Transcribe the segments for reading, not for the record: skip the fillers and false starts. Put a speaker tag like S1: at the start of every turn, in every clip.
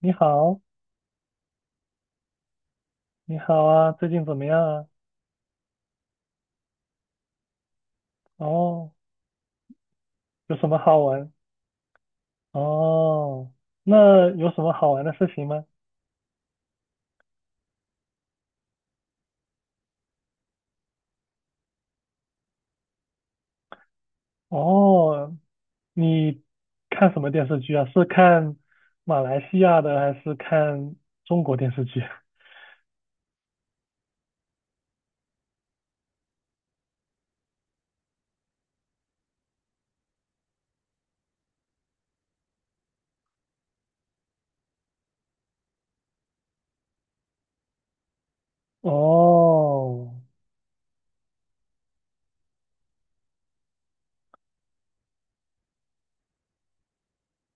S1: 你好，你好啊，最近怎么样啊？哦，有什么好玩？哦，那有什么好玩的事情吗？哦，你看什么电视剧啊？是看马来西亚的还是看中国电视剧？哦，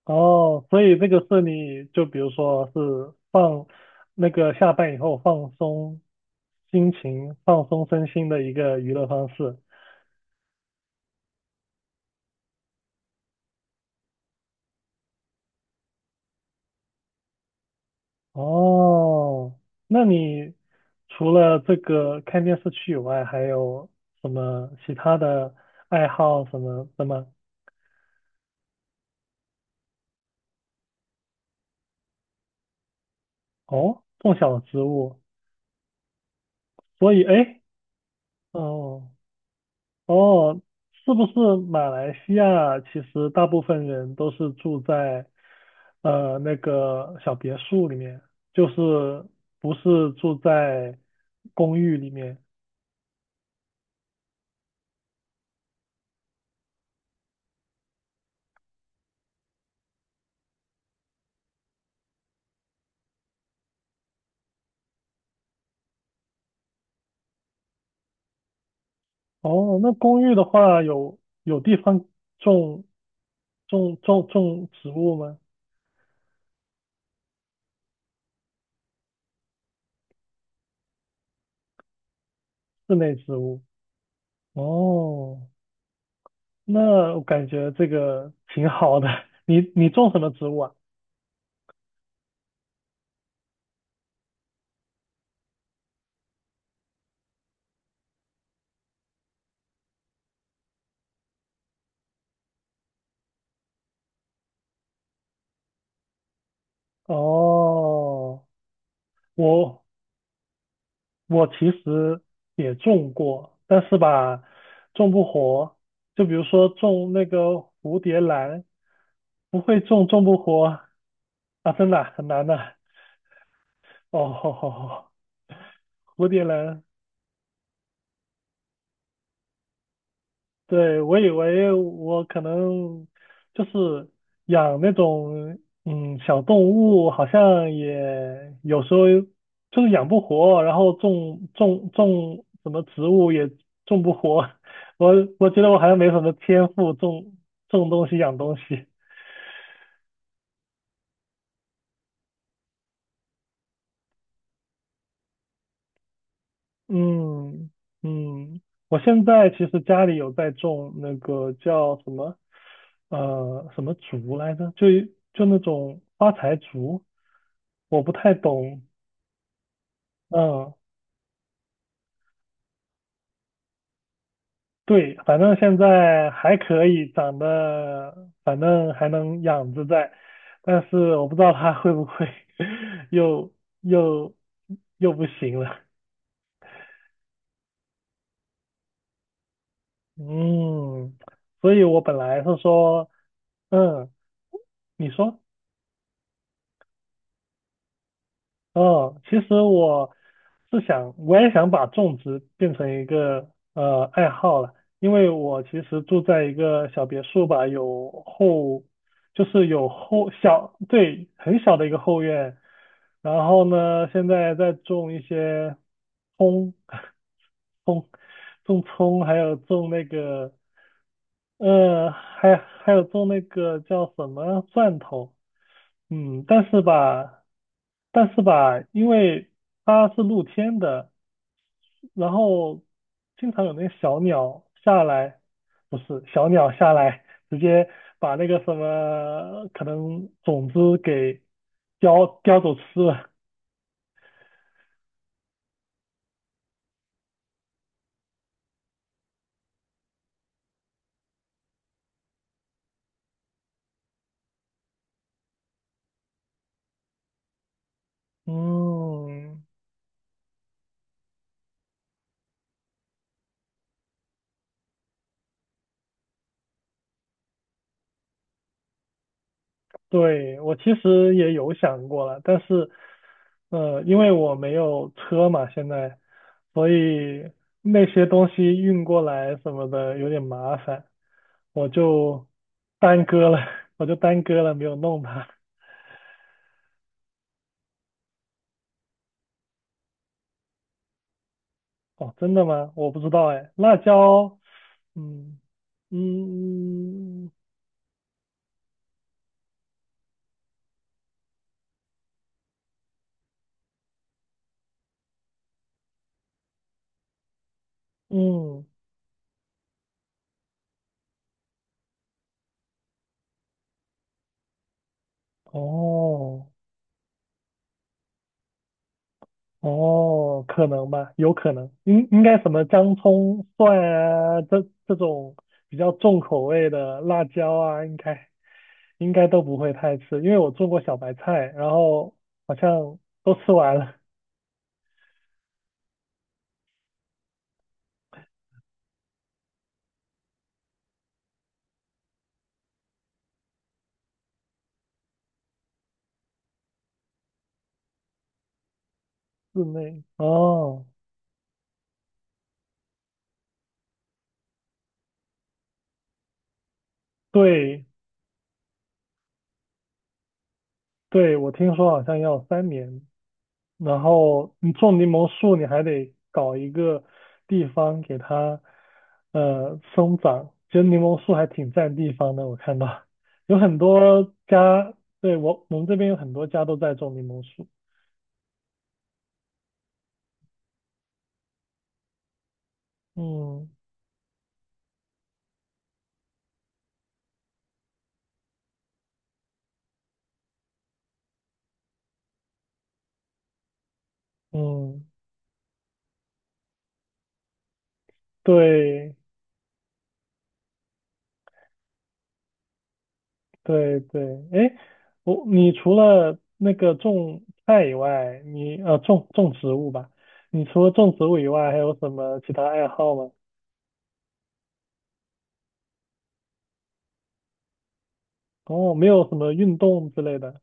S1: 哦，所以这个是你就比如说是放那个下班以后放松心情、放松身心的一个娱乐方式。哦，那你除了这个看电视剧以外，还有什么其他的爱好什么的吗？哦，种小植物，所以哎，诶哦哦，是不是马来西亚其实大部分人都是住在那个小别墅里面，就是不是住在公寓里面？哦，那公寓的话有地方种。种种植物吗？室内植物。哦，那我感觉这个挺好的。你种什么植物啊？哦，我我其实也种过，但是吧，种不活。就比如说种那个蝴蝶兰，不会种，种不活啊，真的啊很难的。哦，蝴蝶兰对，我以为我可能就是养那种小动物，好像也有时候就是养不活，然后种什么植物也种不活。我觉得我好像没什么天赋，种种东西养东西。嗯嗯，我现在其实家里有在种那个叫什么什么竹来着，就那种发财竹。我不太懂，嗯，对，反正现在还可以，长得反正还能养着在，但是我不知道它会不会 又又又不行了，嗯，所以我本来是说，嗯，你说。哦，其实我是想，我也想把种植变成一个爱好了，因为我其实住在一个小别墅吧，有后，就是有后小，对，很小的一个后院，然后呢，现在在种一些葱，葱，种葱，还有种那个，还有种那个叫什么蒜头。嗯，但是吧，因为它是露天的，然后经常有那个小鸟下来，不是小鸟下来，直接把那个什么可能种子给叼走吃了。嗯，对，我其实也有想过了，但是，因为我没有车嘛，现在，所以那些东西运过来什么的有点麻烦。我就耽搁了，我就耽搁了，没有弄它。哦，真的吗？我不知道哎。辣椒，嗯嗯嗯，哦哦，可能吧，有可能。应该什么姜、葱、蒜啊，这种比较重口味的辣椒啊，应该都不会太吃，因为我做过小白菜，然后好像都吃完了。室内哦，对，对，我听说好像要3年，然后你种柠檬树，你还得搞一个地方给它生长。其实柠檬树还挺占地方的，我看到有很多家，对，我们这边有很多家都在种柠檬树。嗯嗯，对对对，哎，你除了那个种菜以外，你种种植物吧，你除了种植物以外，还有什么其他爱好吗？哦，没有什么运动之类的。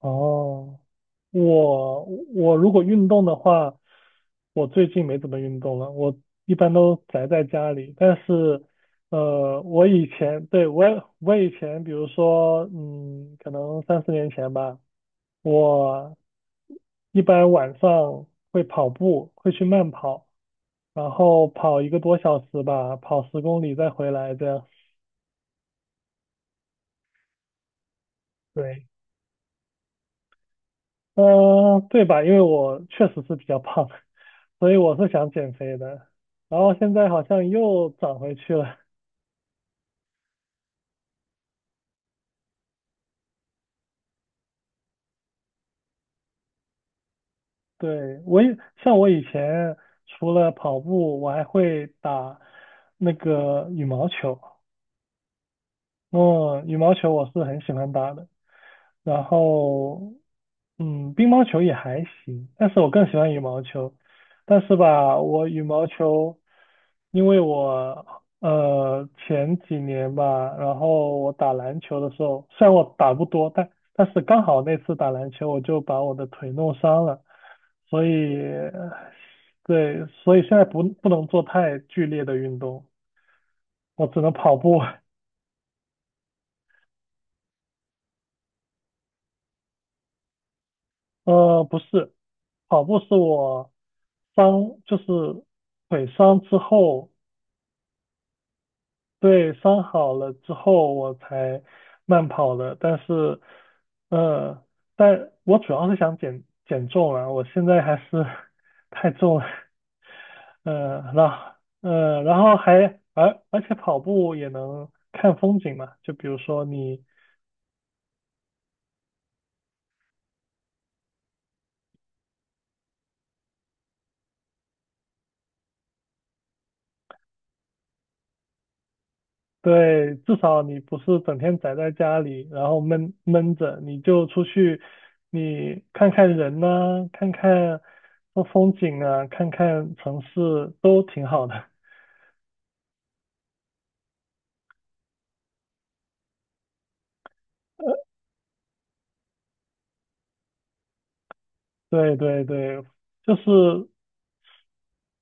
S1: 哦，我我如果运动的话，我最近没怎么运动了，我一般都宅在家里。但是，我以前，对，我以前，比如说，嗯，可能3、4年前吧，我一般晚上会跑步，会去慢跑，然后跑一个多小时吧，跑10公里再回来这样。对，对吧？因为我确实是比较胖。所以我是想减肥的，然后现在好像又长回去了。对，我也，像我以前除了跑步，我还会打那个羽毛球。嗯，羽毛球我是很喜欢打的。然后，嗯，乒乓球也还行，但是我更喜欢羽毛球。但是吧，我羽毛球，因为我前几年吧，然后我打篮球的时候，虽然我打不多，但是刚好那次打篮球，我就把我的腿弄伤了，所以对，所以现在不能做太剧烈的运动，我只能跑步。不是，跑步是我伤，就是腿伤之后，对，伤好了之后我才慢跑的。但是，呃，但我主要是想减减重啊，我现在还是 太重了，呃，然后然后还而且跑步也能看风景嘛，就比如说你对，至少你不是整天宅在家里，然后闷闷着，你就出去，你看看人呐、看看风景啊，看看城市，都挺好的。对对对，就是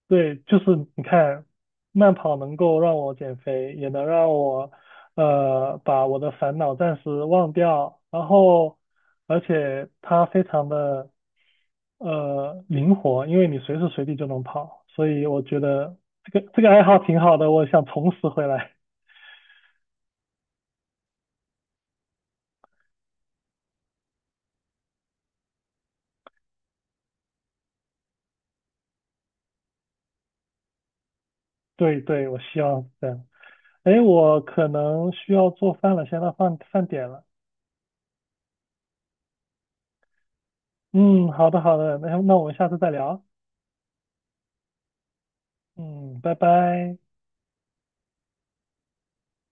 S1: 对，就是你看，慢跑能够让我减肥，也能让我把我的烦恼暂时忘掉，然后而且它非常的灵活，因为你随时随地就能跑，所以我觉得这个爱好挺好的，我想重拾回来。对对，我希望是这样。哎，我可能需要做饭了，现在到饭点了。嗯，好的好的，那我们下次再聊。嗯，拜拜。